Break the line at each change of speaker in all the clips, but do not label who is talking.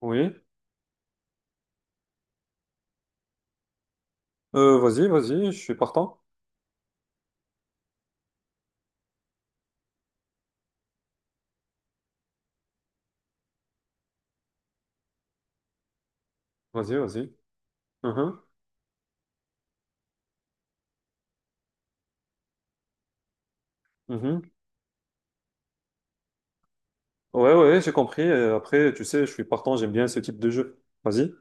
Oui. Vas-y, vas-y, je suis partant. Vas-y, vas-y. Mhm, mhm. Ouais, ouais, j'ai compris. Après, tu sais, je suis partant, j'aime bien ce type de jeu. Vas-y,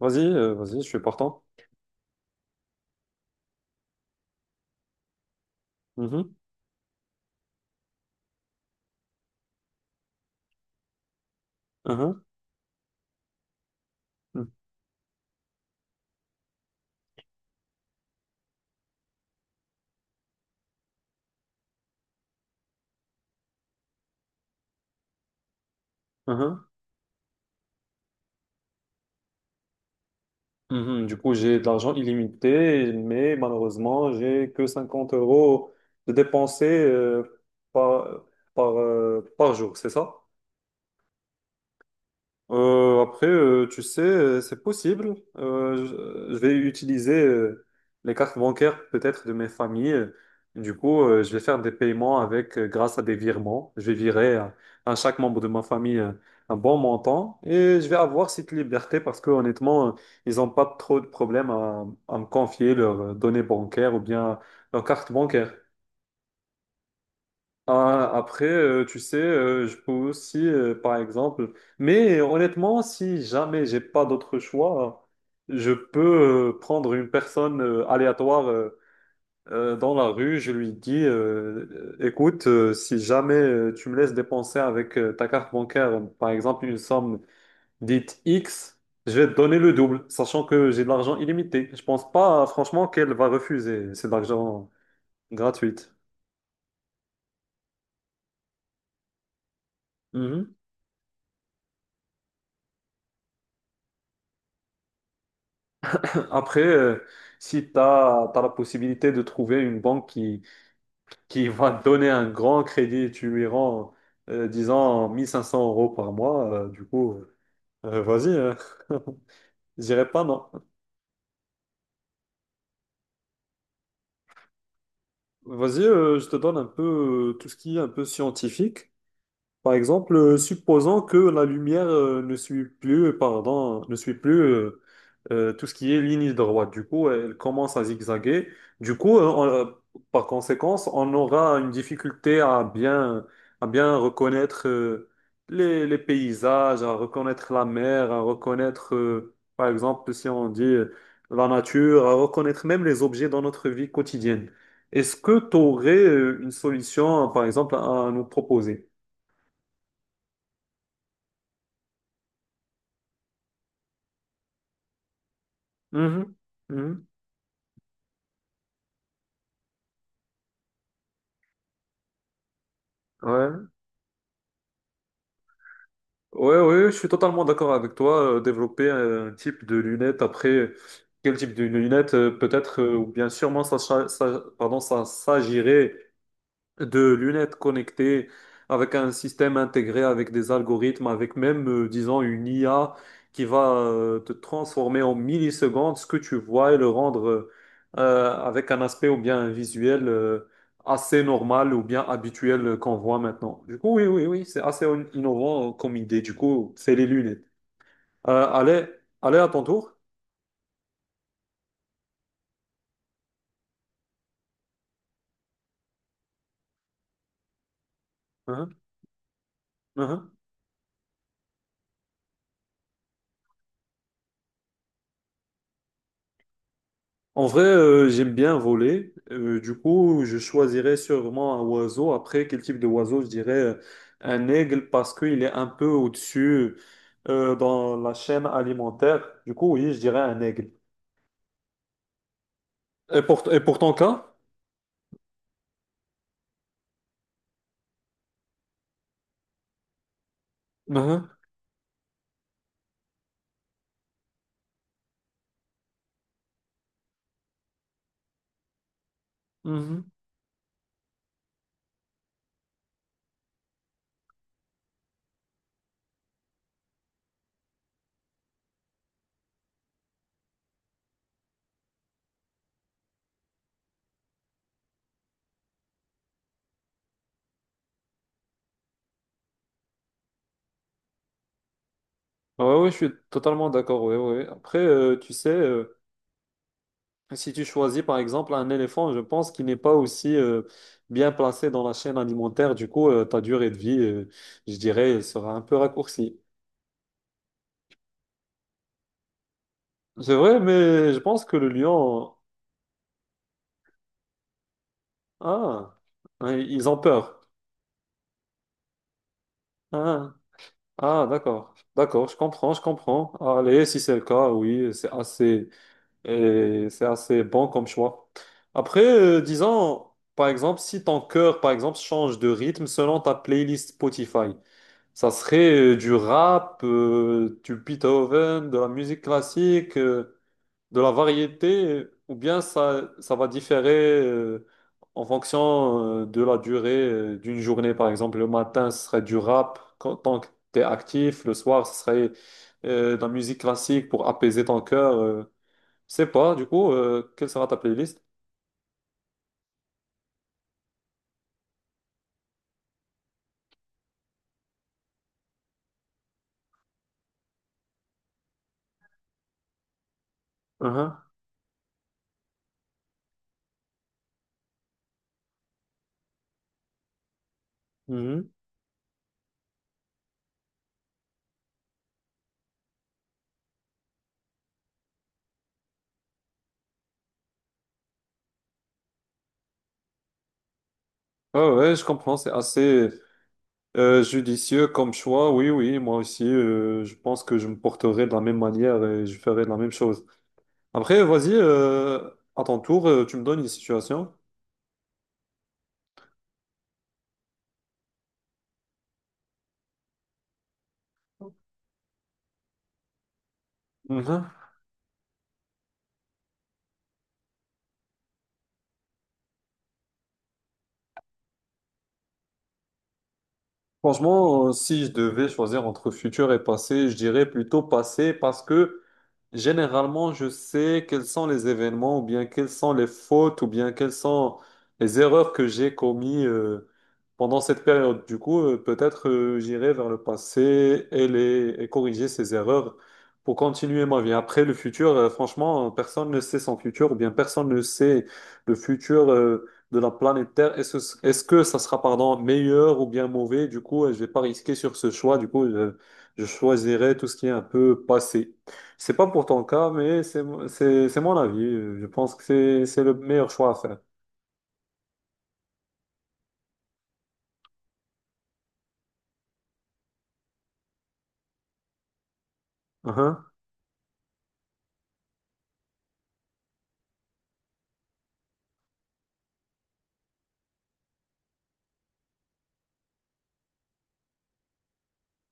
vas-y, vas-y, je suis partant. Mhm, mhm, mhm, mhm, mhm. Du coup, j'ai de l'argent illimité, mais malheureusement, j'ai que 50 euros de dépenser par, par, par jour, c'est ça? Tu sais, c'est possible. Je vais utiliser les cartes bancaires peut-être de mes familles. Du coup, je vais faire des paiements avec grâce à des virements. Je vais virer à chaque membre de ma famille un bon montant et je vais avoir cette liberté parce que honnêtement, ils n'ont pas trop de problèmes à me confier leurs données bancaires ou bien leurs cartes bancaires. Ah, après, tu sais, je peux aussi, par exemple, mais honnêtement, si jamais j'ai pas d'autre choix, je peux prendre une personne aléatoire dans la rue, je lui dis, écoute, si jamais tu me laisses dépenser avec ta carte bancaire, par exemple, une somme dite X, je vais te donner le double, sachant que j'ai de l'argent illimité. Je pense pas, franchement, qu'elle va refuser, c'est de l'argent gratuit. Après, si tu as, la possibilité de trouver une banque qui va te donner un grand crédit et tu lui rends, disons, 1500 euros par mois, du coup, vas-y, je dirais pas non. Vas-y, je te donne un peu tout ce qui est un peu scientifique. Par exemple, supposons que la lumière ne suit plus, pardon, ne suit plus tout ce qui est ligne droite. Du coup, elle commence à zigzaguer. Du coup, par conséquence, on aura une difficulté à bien reconnaître les paysages, à reconnaître la mer, à reconnaître, par exemple, si on dit la nature, à reconnaître même les objets dans notre vie quotidienne. Est-ce que tu aurais une solution, par exemple, à nous proposer? Mhm, mhm. Ouais, ouais, ouais, je suis totalement d'accord avec toi. Développer un type de lunettes, après, quel type de lunettes, peut-être, ou bien sûrement, pardon, ça s'agirait de lunettes connectées avec un système intégré, avec des algorithmes, avec même, disons, une IA qui va te transformer en millisecondes ce que tu vois et le rendre avec un aspect ou bien un visuel assez normal ou bien habituel qu'on voit maintenant. Du coup, oui, oui, oui, c'est assez innovant comme idée. Du coup, c'est les lunettes. Euh, allez, allez à ton tour. Hein, hein. En vrai, j'aime bien voler. Du coup, je choisirais sûrement un oiseau. Après, quel type de oiseau? Je dirais un aigle parce qu'il est un peu au-dessus dans la chaîne alimentaire. Du coup, oui, je dirais un aigle. Et pour ton cas? Mhm, mhm. Ah, ouais, ouais, je suis totalement d'accord. Ouais, ouais. Après, tu sais, si tu choisis par exemple un éléphant, je pense qu'il n'est pas aussi bien placé dans la chaîne alimentaire. Du coup, ta durée de vie, je dirais, elle sera un peu raccourcie. C'est vrai, mais je pense que le lion. Ah, hein, ils ont peur. Ah, ah, d'accord. D'accord, je comprends, je comprends. Allez, si c'est le cas, oui, c'est assez, et c'est assez bon comme choix. Après, disons, par exemple, si ton cœur, par exemple, change de rythme selon ta playlist Spotify, ça serait du rap, du Beethoven, de la musique classique, de la variété ou bien ça, ça va différer euh, en fonction de la durée d'une journée. Par exemple, le matin, ce serait du rap quand, tant que tu es actif. Le soir, ce serait de la musique classique pour apaiser ton cœur. Je sais pas, du coup, quelle sera ta playlist? Mhm, mhm. Ouais, ouais, je comprends, c'est assez judicieux comme choix. Oui, oui, moi aussi, je pense que je me porterai de la même manière et je ferai de la même chose. Après, vas-y, à ton tour, tu me donnes une situation. Mhm. Franchement, si je devais choisir entre futur et passé, je dirais plutôt passé parce que généralement, je sais quels sont les événements ou bien quelles sont les fautes ou bien quelles sont les erreurs que j'ai commises pendant cette période. Du coup, peut-être j'irai vers le passé et, les, et corriger ces erreurs pour continuer ma vie. Après, le futur, franchement, personne ne sait son futur ou bien personne ne sait le futur de la planète Terre. Est-ce, est-ce que ça sera, pardon, meilleur ou bien mauvais? Du coup, je vais pas risquer sur ce choix. Du coup, je choisirai tout ce qui est un peu passé. C'est pas pour ton cas, mais c'est mon avis. Je pense que c'est le meilleur choix à faire. Uhum.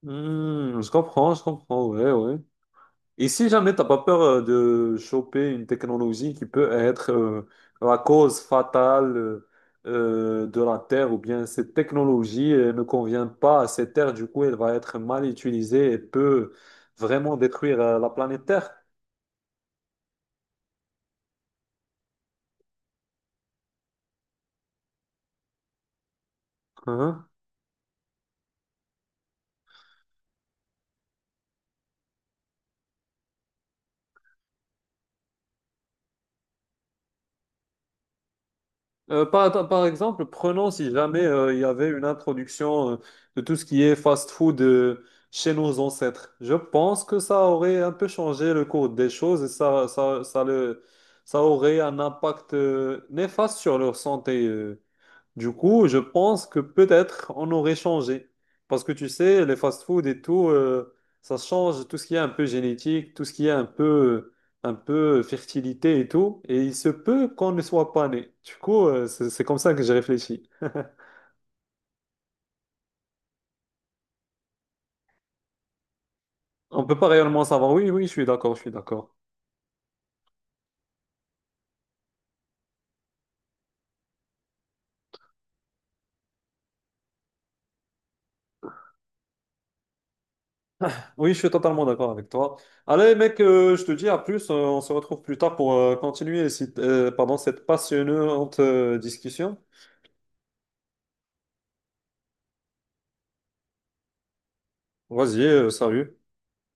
Hmm, je comprends, ouais, ouais. Et si jamais t'as pas peur de choper une technologie qui peut être la cause fatale de la Terre, ou bien cette technologie ne convient pas à cette Terre, du coup elle va être mal utilisée et peut vraiment détruire la planète Terre. Uh-huh. Par exemple, prenons si jamais il y avait une introduction de tout ce qui est fast-food chez nos ancêtres. Je pense que ça aurait un peu changé le cours des choses et ça aurait un impact néfaste sur leur santé. Du coup, je pense que peut-être on aurait changé. Parce que tu sais, les fast-food et tout, ça change tout ce qui est un peu génétique, tout ce qui est un peu fertilité et tout. Et il se peut qu'on ne soit pas né. Du coup, c'est comme ça que j'ai réfléchi. On peut pas réellement savoir. Oui, oui, je suis d'accord, je suis d'accord. Oui, je suis totalement d'accord avec toi. Allez, mec, je te dis à plus, on se retrouve plus tard pour continuer, pardon, cette passionnante discussion. Vas-y, salut.